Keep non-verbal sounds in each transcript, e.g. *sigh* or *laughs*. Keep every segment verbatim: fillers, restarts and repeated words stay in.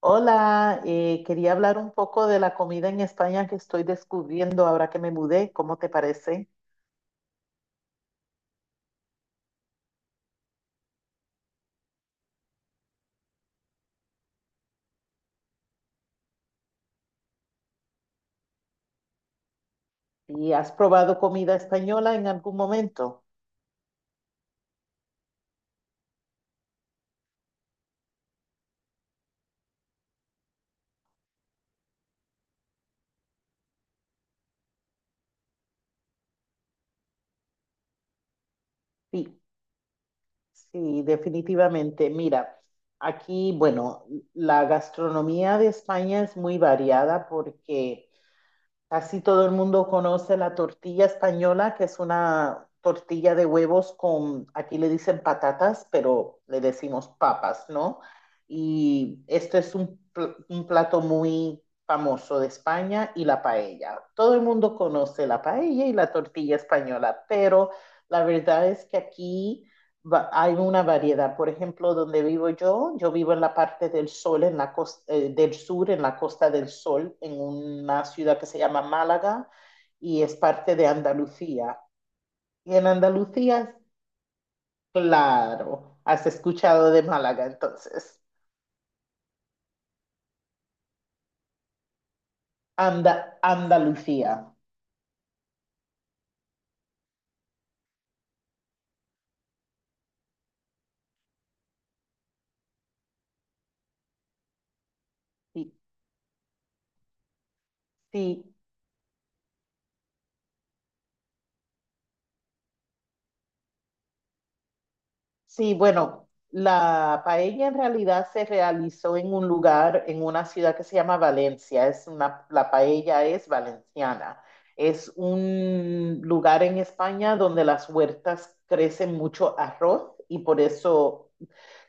Hola, eh, quería hablar un poco de la comida en España que estoy descubriendo ahora que me mudé. ¿Cómo te parece? ¿Y has probado comida española en algún momento? Sí, sí, definitivamente. Mira, aquí, bueno, la gastronomía de España es muy variada porque casi todo el mundo conoce la tortilla española, que es una tortilla de huevos con, aquí le dicen patatas, pero le decimos papas, ¿no? Y esto es un, pl- un plato muy famoso de España y la paella. Todo el mundo conoce la paella y la tortilla española, pero la verdad es que aquí va- hay una variedad. Por ejemplo, donde vivo yo, yo vivo en la parte del sol, en la costa, del sur, en la Costa del Sol, en una ciudad que se llama Málaga y es parte de Andalucía. Y en Andalucía, claro, has escuchado de Málaga entonces. Anda, Andalucía. Sí, sí, sí, bueno, la paella en realidad se realizó en un lugar, en una ciudad que se llama Valencia. Es una, la paella es valenciana. Es un lugar en España donde las huertas crecen mucho arroz y por eso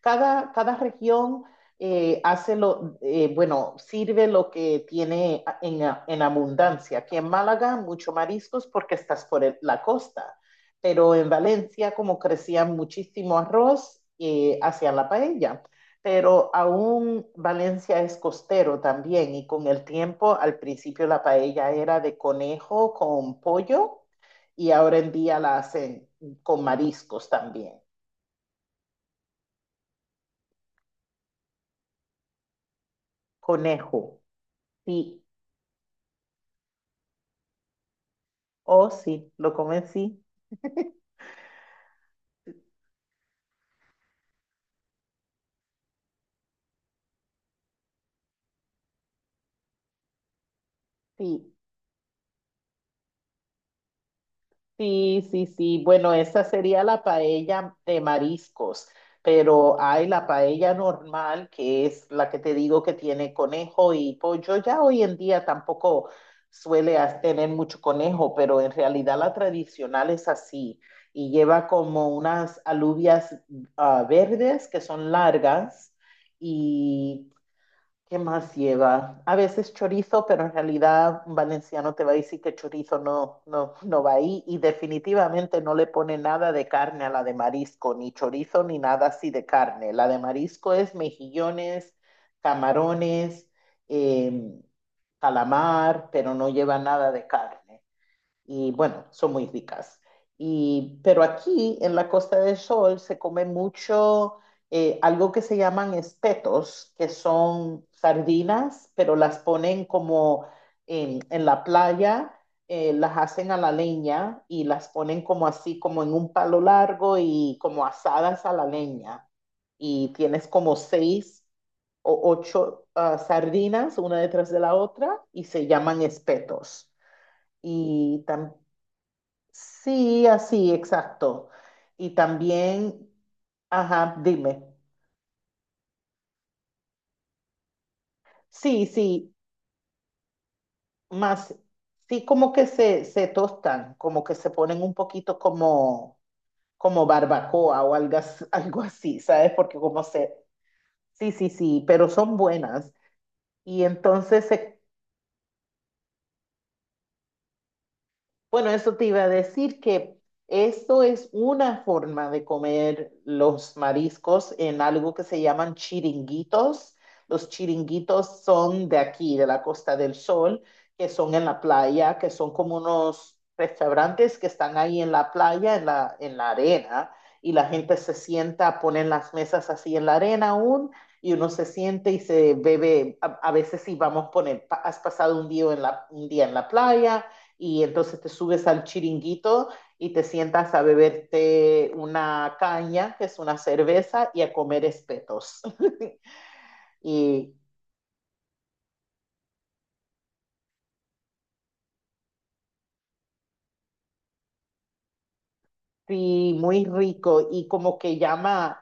cada, cada región eh, hace lo, eh, bueno, sirve lo que tiene en, en, abundancia. Aquí en Málaga, mucho mariscos porque estás por el, la costa, pero en Valencia, como crecían muchísimo arroz, eh, hacían la paella. Pero aún Valencia es costero también y con el tiempo, al principio la paella era de conejo con pollo y ahora en día la hacen con mariscos también, conejo. Sí, oh, sí, lo convencí. Sí, sí, sí, sí, sí. Bueno, esa sería la paella de mariscos, pero hay la paella normal, que es la que te digo que tiene conejo y pollo. Ya hoy en día tampoco suele as- tener mucho conejo, pero en realidad la tradicional es así y lleva como unas alubias ah, verdes que son largas. Y ¿qué más lleva? A veces chorizo, pero en realidad un valenciano te va a decir que chorizo no, no, no va ahí y definitivamente no le pone nada de carne a la de marisco, ni chorizo ni nada así de carne. La de marisco es mejillones, camarones, em, calamar, pero no lleva nada de carne y bueno, son muy ricas. Y, pero aquí en la Costa del Sol se come mucho eh, algo que se llaman espetos, que son sardinas, pero las ponen como en, en la playa, eh, las hacen a la leña y las ponen como así, como en un palo largo y como asadas a la leña. Y tienes como seis o ocho ah, sardinas, una detrás de la otra, y se llaman espetos. Y tam- Sí, así, exacto. Y también, ajá, dime. Sí, sí, más, sí, como que se, se tostan, como que se ponen un poquito como, como barbacoa o algo, as- *laughs* algo así, ¿sabes? Porque como se, sí, sí, sí, pero son buenas. Y entonces se Bueno, eso te iba a decir que esto es una forma de comer los mariscos en algo que se llaman chiringuitos. Los chiringuitos son de aquí, de la Costa del Sol, que son en la playa, que son como unos restaurantes que están ahí en la playa, en la, en la arena, y la gente se sienta, ponen las mesas así en la arena aún, y uno se siente y se bebe. A, a veces si vamos a poner, pa- has pasado un día en la, un día en la playa y entonces te subes al chiringuito y te sientas a beberte una caña, que es una cerveza, y a comer espetos. *laughs* Y sí, muy rico y como que llama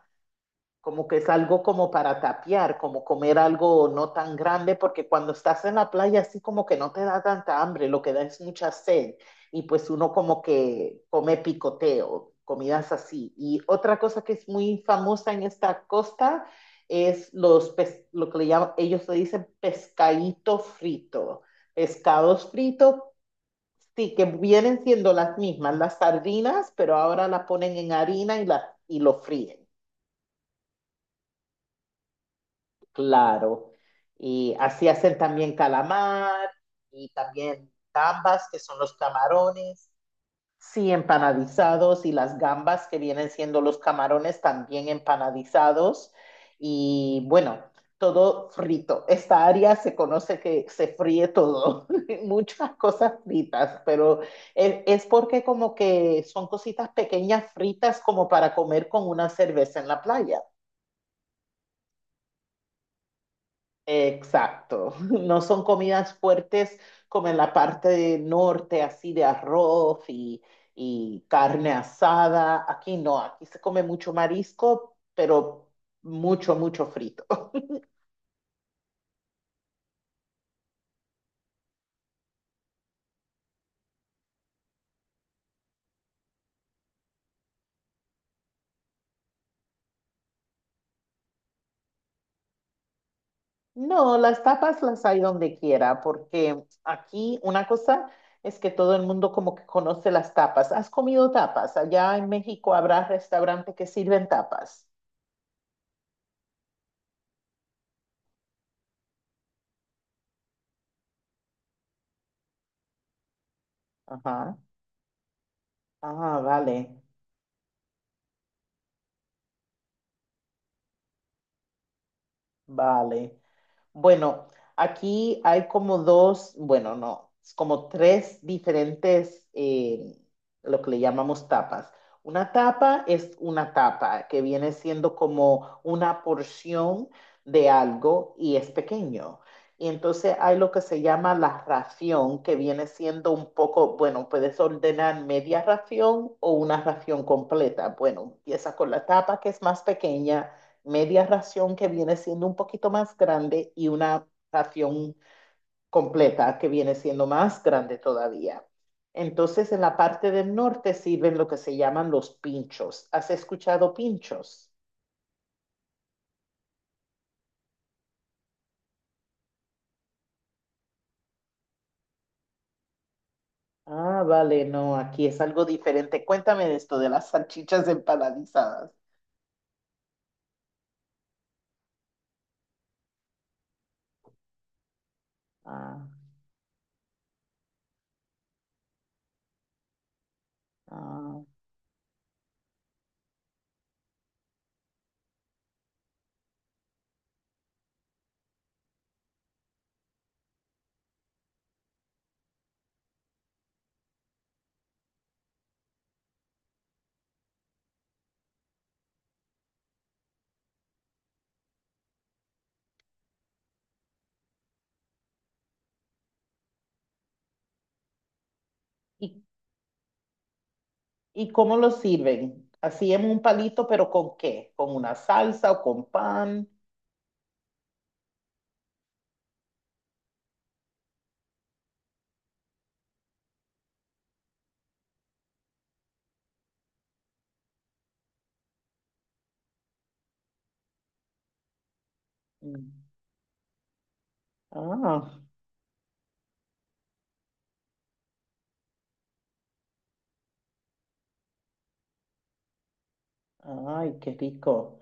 como que es algo como para tapear, como comer algo no tan grande, porque cuando estás en la playa así como que no te da tanta hambre, lo que da es mucha sed y pues uno como que come picoteo, comidas así. Y otra cosa que es muy famosa en esta costa es los pes, lo que le llaman, ellos le dicen pescadito frito, pescados fritos, sí, que vienen siendo las mismas, las sardinas, pero ahora las ponen en harina y, la, y lo fríen. Claro. Y así hacen también calamar y también gambas, que son los camarones, sí, empanadizados, y las gambas, que vienen siendo los camarones, también empanadizados. Y bueno, todo frito. Esta área se conoce que se fríe todo, *laughs* muchas cosas fritas, pero e- es porque como que son cositas pequeñas fritas como para comer con una cerveza en la playa. Exacto, *laughs* no son comidas fuertes como en la parte de norte, así de arroz y, y carne asada. Aquí no, aquí se come mucho marisco, pero mucho, mucho frito. *laughs* No, las tapas las hay donde quiera, porque aquí una cosa es que todo el mundo como que conoce las tapas. ¿Has comido tapas? Allá en México habrá restaurantes que sirven tapas. Ajá. Ah, vale, vale. Bueno, aquí hay como dos, bueno, no, es como tres diferentes, eh, lo que le llamamos tapas. Una tapa es una tapa que viene siendo como una porción de algo y es pequeño. Y entonces hay lo que se llama la ración, que viene siendo un poco, bueno, puedes ordenar media ración o una ración completa. Bueno, empieza con la tapa que es más pequeña, media ración que viene siendo un poquito más grande y una ración completa que viene siendo más grande todavía. Entonces, en la parte del norte sirven lo que se llaman los pinchos. ¿Has escuchado pinchos? Ah, vale, no, aquí es algo diferente. Cuéntame de esto de las salchichas empanadizadas. Ah, ah. ¿Y, y cómo lo sirven? Así en un palito, pero ¿con qué? ¿Con una salsa o con pan? Mm. Ah, ay, qué rico.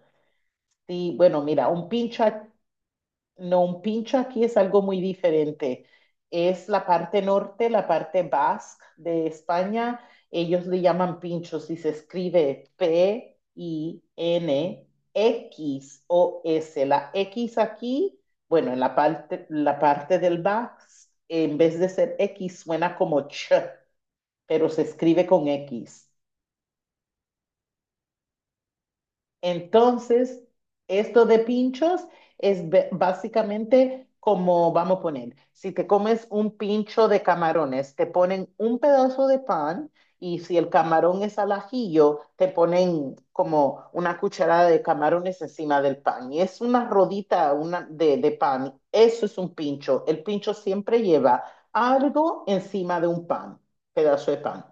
Sí, bueno, mira, un pincho, a- no, un pincho aquí es algo muy diferente. Es la parte norte, la parte basque de España. Ellos le llaman pinchos y se escribe P I N X O S. La X aquí, bueno, en la parte, la parte del basque, en vez de ser X, suena como ch, pero se escribe con X. Entonces, esto de pinchos es b- básicamente como vamos a poner, si te comes un pincho de camarones, te ponen un pedazo de pan y si el camarón es al ajillo, te ponen como una cucharada de camarones encima del pan. Y es una rodita una de, de pan. Eso es un pincho. El pincho siempre lleva algo encima de un pan, pedazo de pan.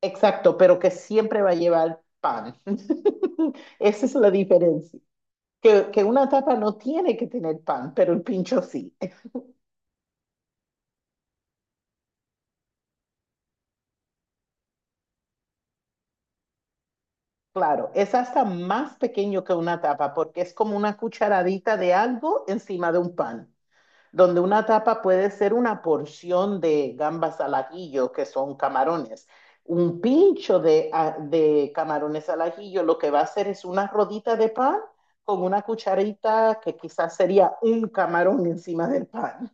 Exacto, pero que siempre va a llevar pan. *laughs* Esa es la diferencia. Que, que una tapa no tiene que tener pan, pero el pincho sí. Eh, Claro, es hasta más pequeño que una tapa porque es como una cucharadita de algo encima de un pan, donde una tapa puede ser una porción de gambas al ajillo, que son camarones. Un pincho de, ah, de camarones al ajillo lo que va a hacer es una rodita de pan con una cucharita que quizás sería un camarón encima del pan.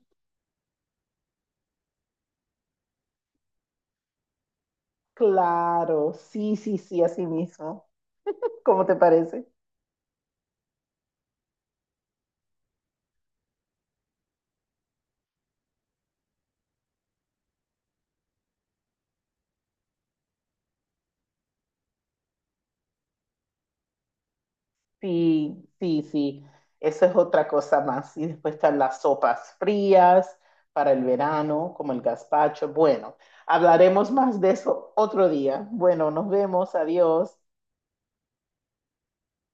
Claro, sí, sí, sí, así mismo. ¿Cómo te parece? Sí, sí, sí. Eso es otra cosa más. Y después están las sopas frías para el verano, como el gazpacho. Bueno, hablaremos más de eso otro día. Bueno, nos vemos. Adiós.